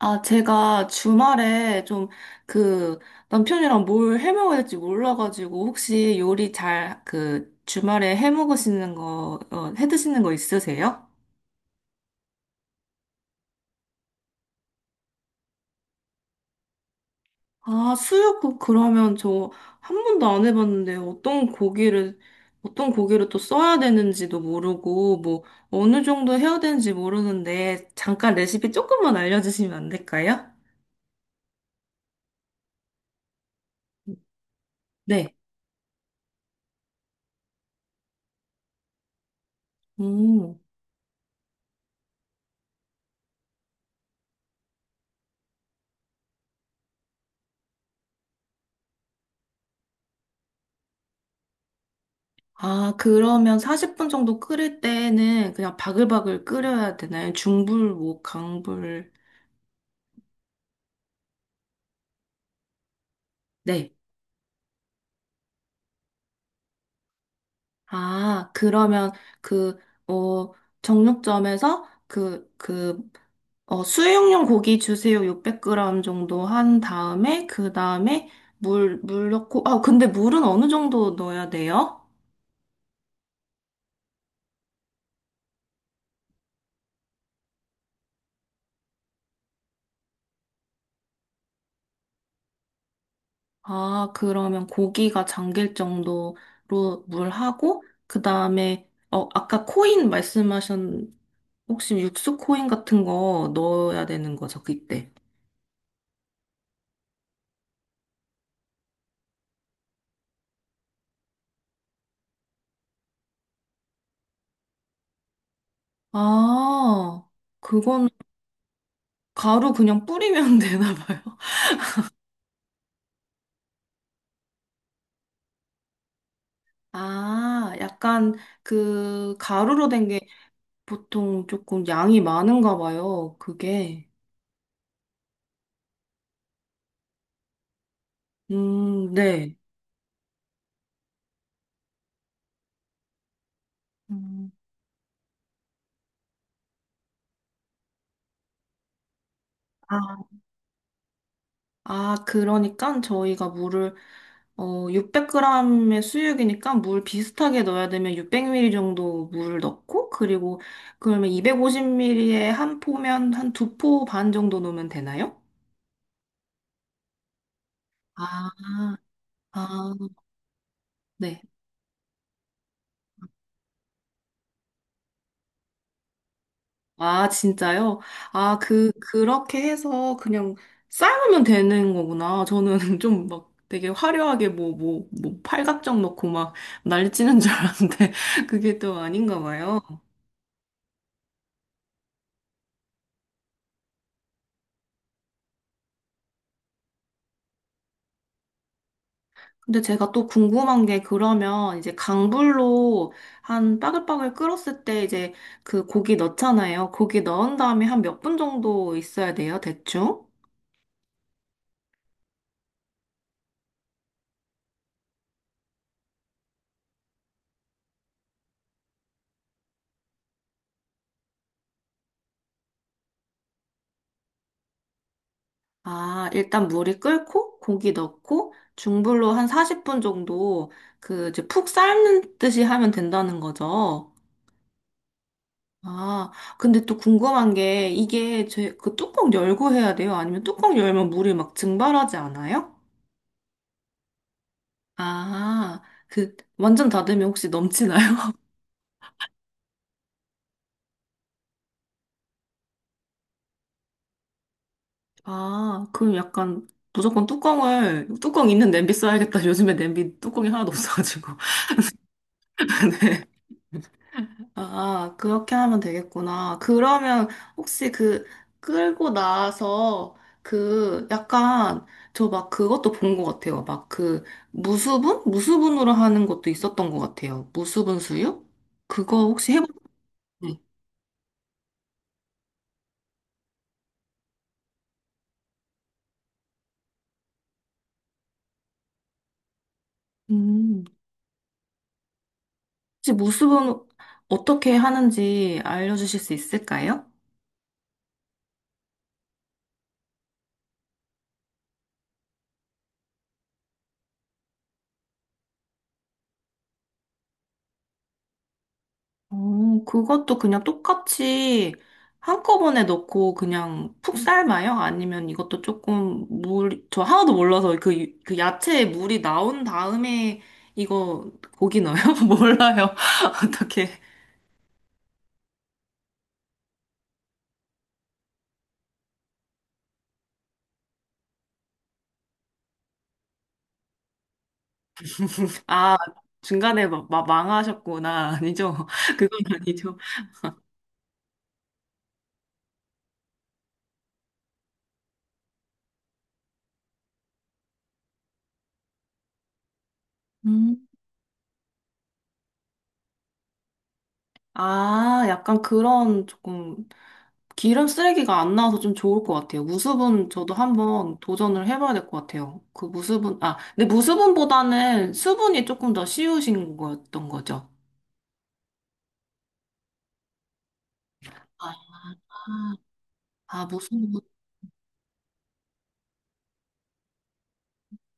아, 제가 주말에 좀 그 남편이랑 뭘 해먹어야 될지 몰라가지고 혹시 요리 잘 주말에 해먹으시는 거, 해드시는 거 있으세요? 아, 수육국 그러면 저 한 번도 안 해봤는데 어떤 고기를, 어떤 고기를 또 써야 되는지도 모르고 뭐 어느 정도 해야 되는지 모르는데 잠깐 레시피 조금만 알려주시면 안 될까요? 네. 음. 아, 그러면 40분 정도 끓일 때는 그냥 바글바글 끓여야 되나요? 중불, 뭐, 강불. 네. 아, 그러면 그, 어, 정육점에서 수육용 고기 주세요. 600g 정도 한 다음에, 그 다음에 물 넣고, 아, 근데 물은 어느 정도 넣어야 돼요? 아, 그러면 고기가 잠길 정도로 물 하고, 그 다음에, 아까 코인 말씀하셨, 혹시 육수 코인 같은 거 넣어야 되는 거죠, 그때? 아, 그건 가루 그냥 뿌리면 되나 봐요. 아, 약간 그 가루로 된 게 보통 조금 양이 많은가 봐요, 그게. 네. 음. 아, 그러니까 저희가 물을 600g의 수육이니까 물 비슷하게 넣어야 되면 600ml 정도 물을 넣고 그리고 그러면 250ml에 한 포면 한 두 포반 정도 넣으면 되나요? 아, 아, 네. 아, 진짜요? 아, 그렇게 해서 그냥 삶으면 되는 거구나. 저는 좀 막 되게 화려하게 뭐, 팔각정 넣고 막 난리 치는 줄 알았는데 그게 또 아닌가 봐요. 근데 제가 또 궁금한 게 그러면 이제 강불로 한 빠글빠글 끓었을 때 이제 그 고기 넣잖아요. 고기 넣은 다음에 한 몇 분 정도 있어야 돼요, 대충? 아, 일단 물이 끓고 고기 넣고 중불로 한 40분 정도 그 이제 푹 삶는 듯이 하면 된다는 거죠. 아, 근데 또 궁금한 게 이게 제 그 뚜껑 열고 해야 돼요? 아니면 뚜껑 열면 물이 막 증발하지 않아요? 아, 그 완전 닫으면 혹시 넘치나요? 아, 그럼 약간 무조건 뚜껑 있는 냄비 써야겠다. 요즘에 냄비 뚜껑이 하나도 없어가지고. 네. 아, 그렇게 하면 되겠구나. 그러면 혹시 그 끌고 나서 그 약간 저 막 그것도 본 것 같아요. 막 그 무수분? 무수분으로 하는 것도 있었던 것 같아요. 무수분 수육? 그거 혹시 해보셨나요? 음. 혹시 무수분 어떻게 하는지 알려주실 수 있을까요? 오, 그것도 그냥 똑같이 한꺼번에 넣고 그냥 푹 삶아요? 아니면 이것도 조금 물, 저 하나도 몰라서 그 야채에 물이 나온 다음에 이거 고기 넣어요? 몰라요. 어떻게. 아, 중간에 막 망하셨구나. 아니죠? 그건 아니죠. 음. 아, 약간 그런 조금. 기름 쓰레기가 안 나와서 좀 좋을 것 같아요. 무수분 저도 한번 도전을 해봐야 될 것 같아요. 그 무수분, 아, 근데 무수분보다는 수분이 조금 더 쉬우신 거였던 거죠. 아, 아, 무수분.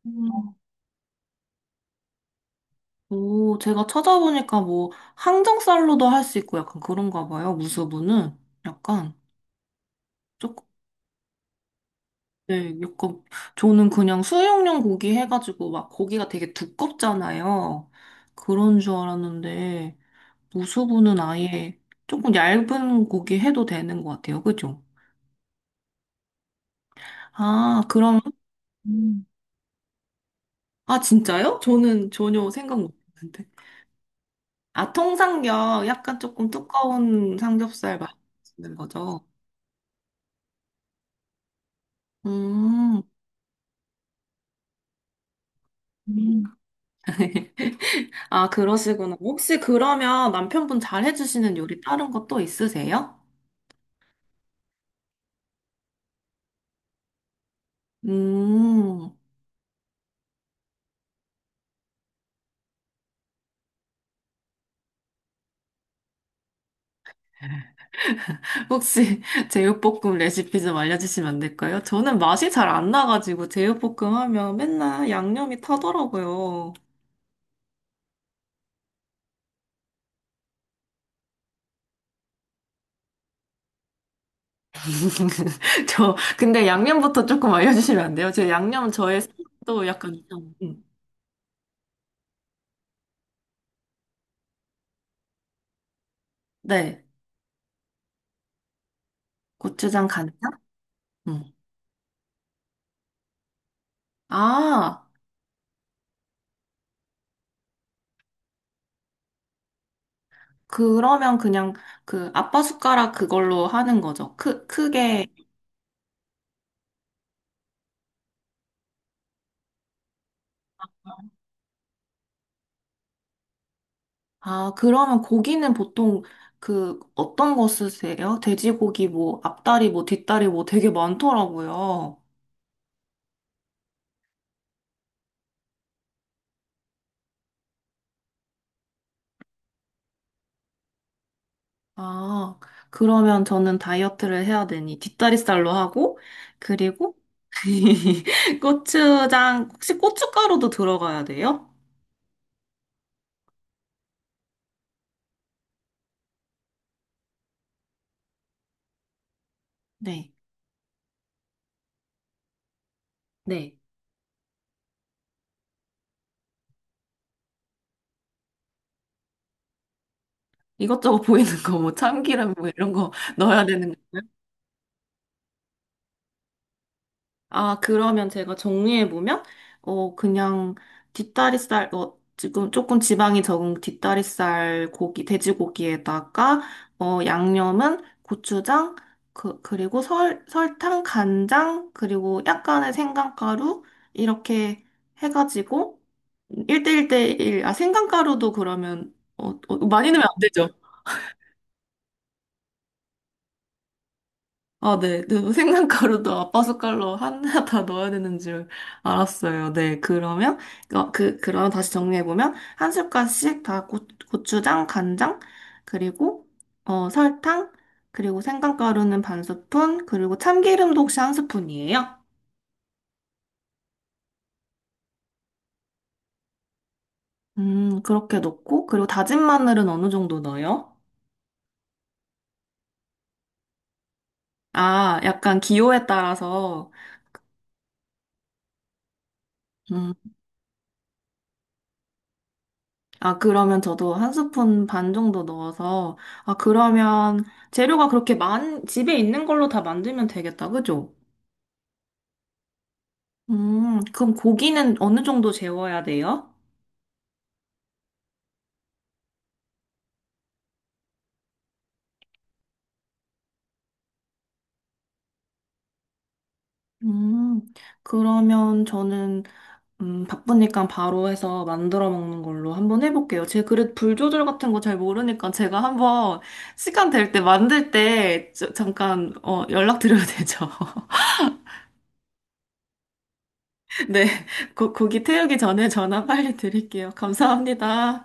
음. 오, 제가 찾아보니까 뭐 항정살로도 할 수 있고 약간 그런가 봐요. 무수분은 약간 조금, 네, 약간 저는 그냥 수육용 고기 해가지고 막 고기가 되게 두껍잖아요. 그런 줄 알았는데. 무수부는 아예 조금 얇은 고기 해도 되는 것 같아요. 그죠? 아, 그럼, 음. 아, 진짜요? 저는 전혀 생각 못 했는데. 아, 통삼겹, 약간 조금 두꺼운 삼겹살 맛있는 거죠? 음. 음. 아, 그러시구나. 혹시 그러면 남편분 잘 해주시는 요리 다른 것도 있으세요? 음. 혹시 제육볶음 레시피 좀 알려주시면 안 될까요? 저는 맛이 잘 안 나가지고 제육볶음 하면 맨날 양념이 타더라고요. 저, 근데 양념부터 조금 알려주시면 안 돼요? 제 양념 저의 또 약간, 좀- 네, 고추장 간장? 음. 아, 그러면 그냥 그 아빠 숟가락 그걸로 하는 거죠. 크게 아, 그러면 고기는 보통 그 어떤 거 쓰세요? 돼지고기 뭐 앞다리 뭐 뒷다리 뭐 되게 많더라고요. 아, 그러면 저는 다이어트를 해야 되니 뒷다리살로 하고 그리고 고추장 혹시 고춧가루도 들어가야 돼요? 네. 네. 이것저것 보이는 거 뭐 참기름 뭐 이런 거 넣어야 되는 아, 그러면 제가 정리해보면, 그냥 뒷다리살, 지금 조금 지방이 적은 뒷다리살 고기, 돼지고기에다가, 양념은 고추장, 그리고 설탕, 간장, 그리고 약간의 생강가루, 이렇게 해가지고, 1대1대1, 아, 생강가루도 그러면, 많이 넣으면 안 되죠? 아, 네. 그 생강가루도 아빠 숟갈로 하나 다 넣어야 되는 줄 알았어요. 네. 그러면, 그럼 다시 정리해보면, 한 숟갈씩 다 고추장, 간장, 그리고, 설탕, 그리고 생강가루는 반 스푼, 그리고 참기름도 혹시 한 스푼이에요? 그렇게 넣고, 그리고 다진 마늘은 어느 정도 넣어요? 아, 약간 기호에 따라서, 음. 아, 그러면 저도 한 스푼 반 정도 넣어서, 아, 그러면 재료가 그렇게 많, 집에 있는 걸로 다 만들면 되겠다, 그죠? 그럼 고기는 어느 정도 재워야 돼요? 음, 그러면 저는, 바쁘니까 바로 해서 만들어 먹는 걸로 한번 해볼게요. 제 그릇 불 조절 같은 거 잘 모르니까 제가 한번 시간 될 때 만들 때 저- 잠깐, 연락드려도 되죠? 네, 고기 태우기 전에 전화 빨리 드릴게요. 감사합니다.